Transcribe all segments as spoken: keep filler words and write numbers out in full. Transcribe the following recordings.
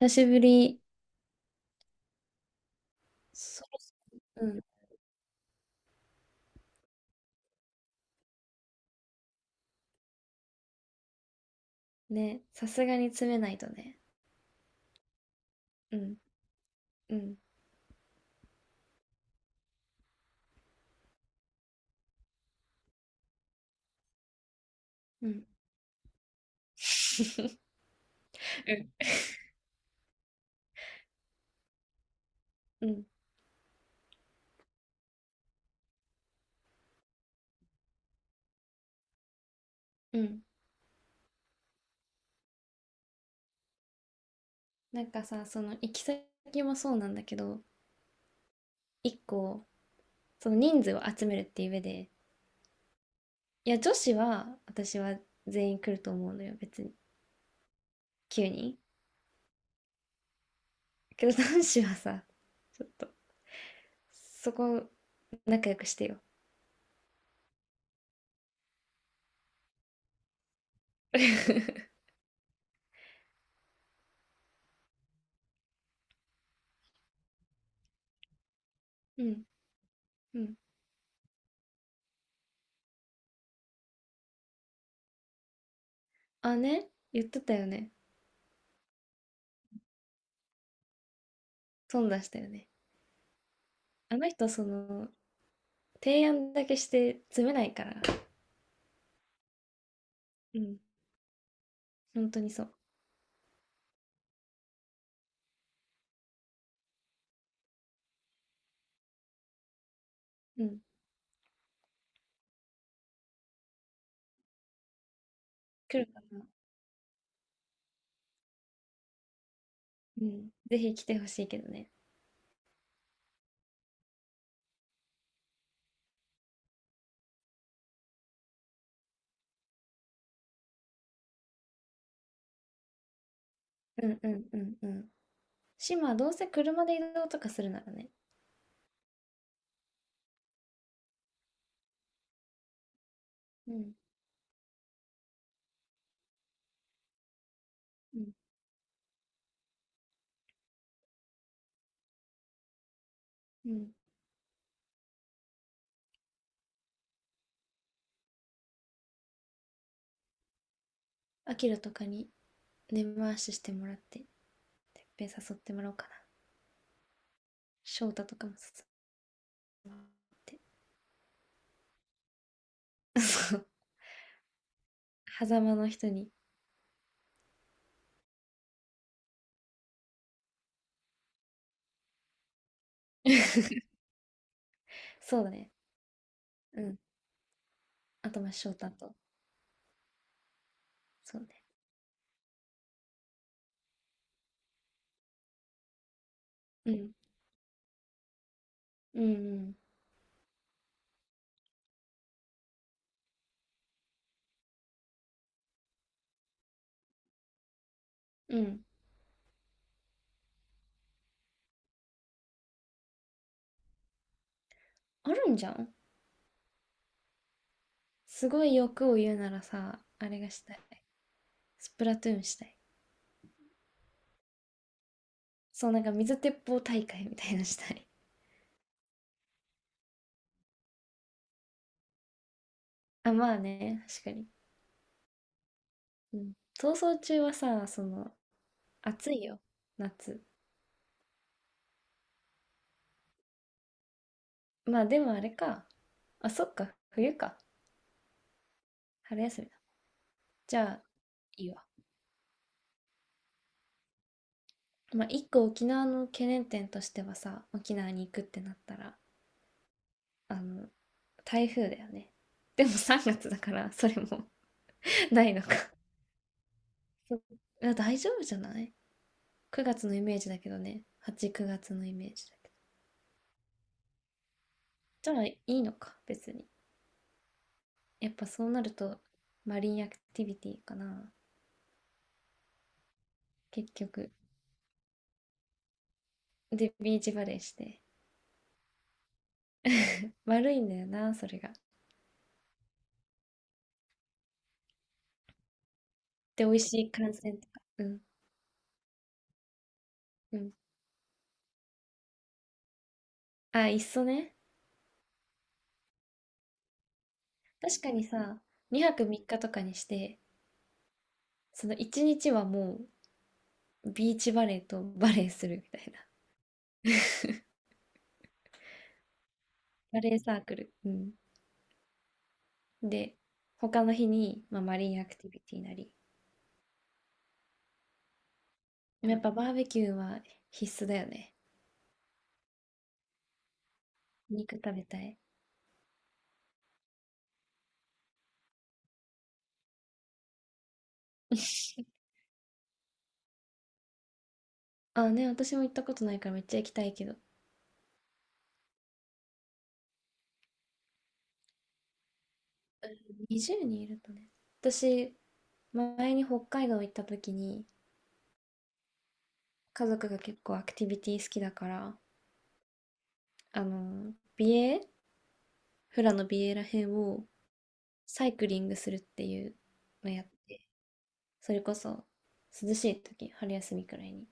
久しぶり。そろそろうん。ね。さすがに詰めないとね。うん。うん。うん。うん。うん。なんかさ、その行き先もそうなんだけど、一個、その人数を集めるっていう上で、いや、女子は、私は全員来ると思うのよ、別に。きゅうにん。けど男子はさ、ちょっと、そこ、仲良くしてよ。うん。うん。あ、ね。言ってたよね。損出したよね。あの人、その、提案だけして詰めないから。うん、本当にそう。うん。来るか。うん。ぜひ来てほしいけどね。うんうんうんうん。島はどうせ車で移動とかするならね。うんうんうん。アキラとかに根回ししてもらって、いっぺん誘ってもらおうかな。翔太とかも誘って。そう。狭間の人に。そうだね。うん。あとまあ翔太と。そうね。うん。うんうん。うん。あるんじゃん。すごい欲を言うならさ、あれがしたい。スプラトゥーンしたい。そう、なんか水鉄砲大会みたいなのしたい。あ、まあね、確かに。うん。逃走中はさ、その、暑いよ、夏。まあでもあれか。あ、そっか、冬か。春休みだ。じゃあ、いいわ。まあ一個沖縄の懸念点としてはさ、沖縄に行くってなったら、あの、台風だよね。でもさんがつだから、それも ないのか。そういや、大丈夫じゃない？ く 月のイメージだけどね。はち、くがつのイメージだけど。じゃあ、いいのか、別に。やっぱそうなると、マリンアクティビティかな。結局。で、ビーチバレーして。悪いんだよな、それが。で、美味しい観戦とか。うん。うん。あ、いっそね。確かにさ、にはくみっかとかにして、そのいちにちはもう、ビーチバレーとバレーするみたいな。バレーサークル。うん。で、他の日に、まあ、マリンアクティビティなり。でもやっぱバーベキューは必須だよね。肉食べたい。あ、ね、私も行ったことないからめっちゃ行きたいけど。にじゅうにんいるとね。私、前に北海道行った時に、家族が結構アクティビティ好きだから、あの、美瑛、フラの美瑛らへんをサイクリングするっていうのやって、それこそ涼しい時、春休みくらいに。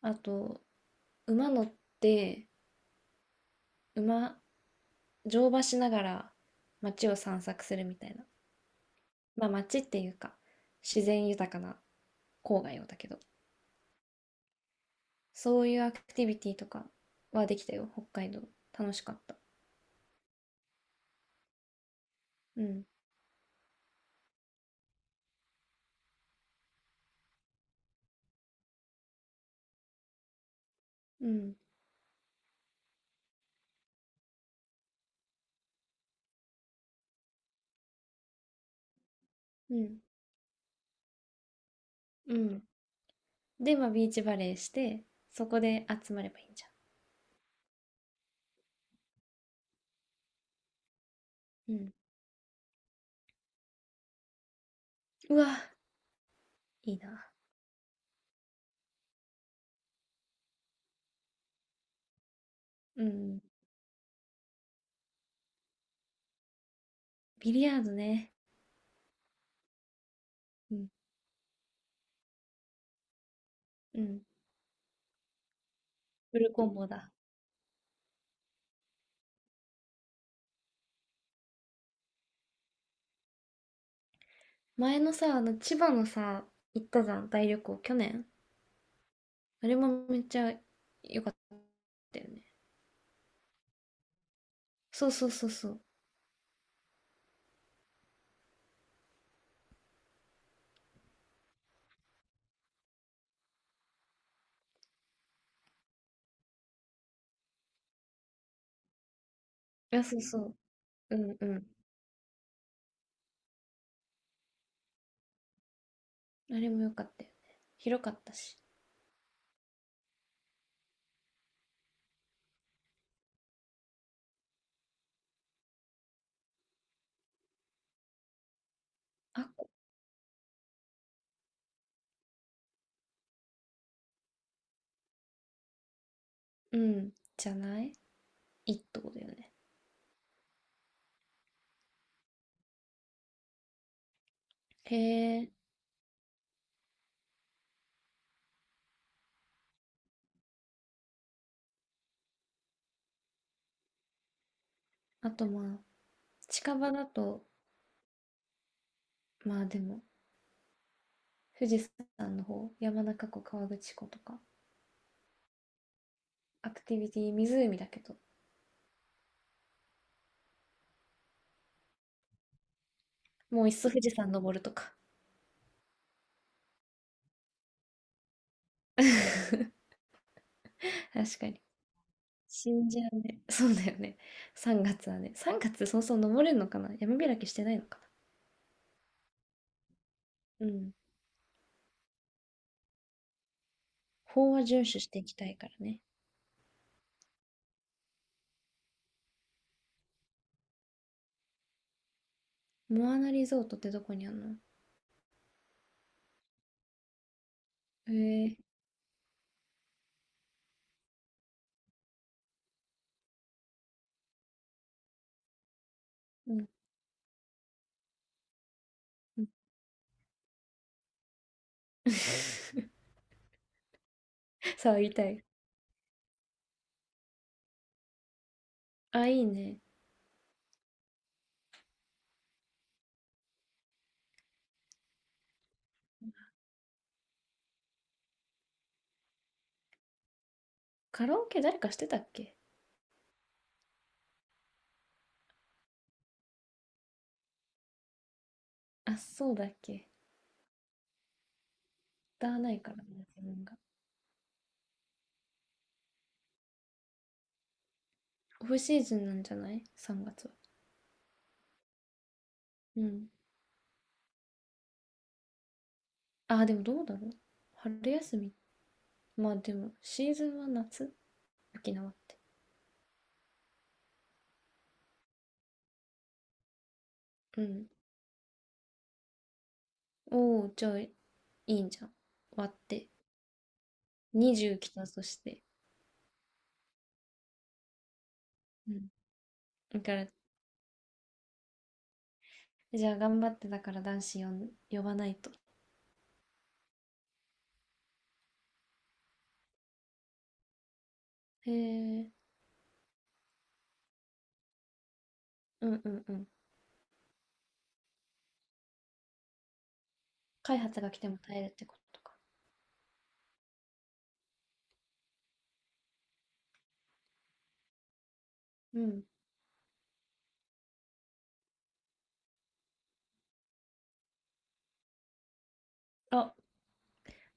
あと、馬乗って、馬、乗馬しながら街を散策するみたいな。まあ街っていうか、自然豊かな郊外をだけど。そういうアクティビティとかはできたよ、北海道。楽しかった。うん、うん、うん、うん。で、まあ、ビーチバレーして、そこで集まればいいんじゃん。うん。うわ、いいな。うん。ビリヤードね。うん、うん。フルコンボだ。前のさ、あの、千葉のさ、行ったじゃん、大旅行、去年。あれもめっちゃ良かったよね。そうそうそうそう。いや、そうそう。うんうん。あれも良かったよね。広かったし。あ、こうん。じゃない、いいってことよね。へえ。あとまあ、近場だと、まあでも、富士山の方、山中湖、河口湖とか、アクティビティ、湖だけど、もういっそ富士山登るとか。確かに。死んじゃうね。そうだよね。さんがつはね。さんがつそもそも登れるのかな、山開きしてないのかな。うん。法は遵守していきたいからね。モアナリゾートってどこにあんの？へえー。うん。うん さあ、言いたい。あ、いいね。カラオケ誰かしてたっけ？あ、そうだっけ？歌わないからね、自分が。オフシーズンなんじゃない？ さん 月は。うん。あ、でもどうだろう、春休み。まあでも、シーズンは夏、沖縄って。うん。おお、じゃあ、いいんじゃん。割って。にじゅう来たとして。うん。だから、じゃあ頑張ってだから男子呼ん、呼ばないと。へえ。うんうんうん。開発が来ても耐えるってことか。うん。あ、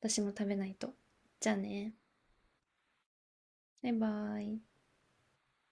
私も食べないと。じゃあね。バイバーイ。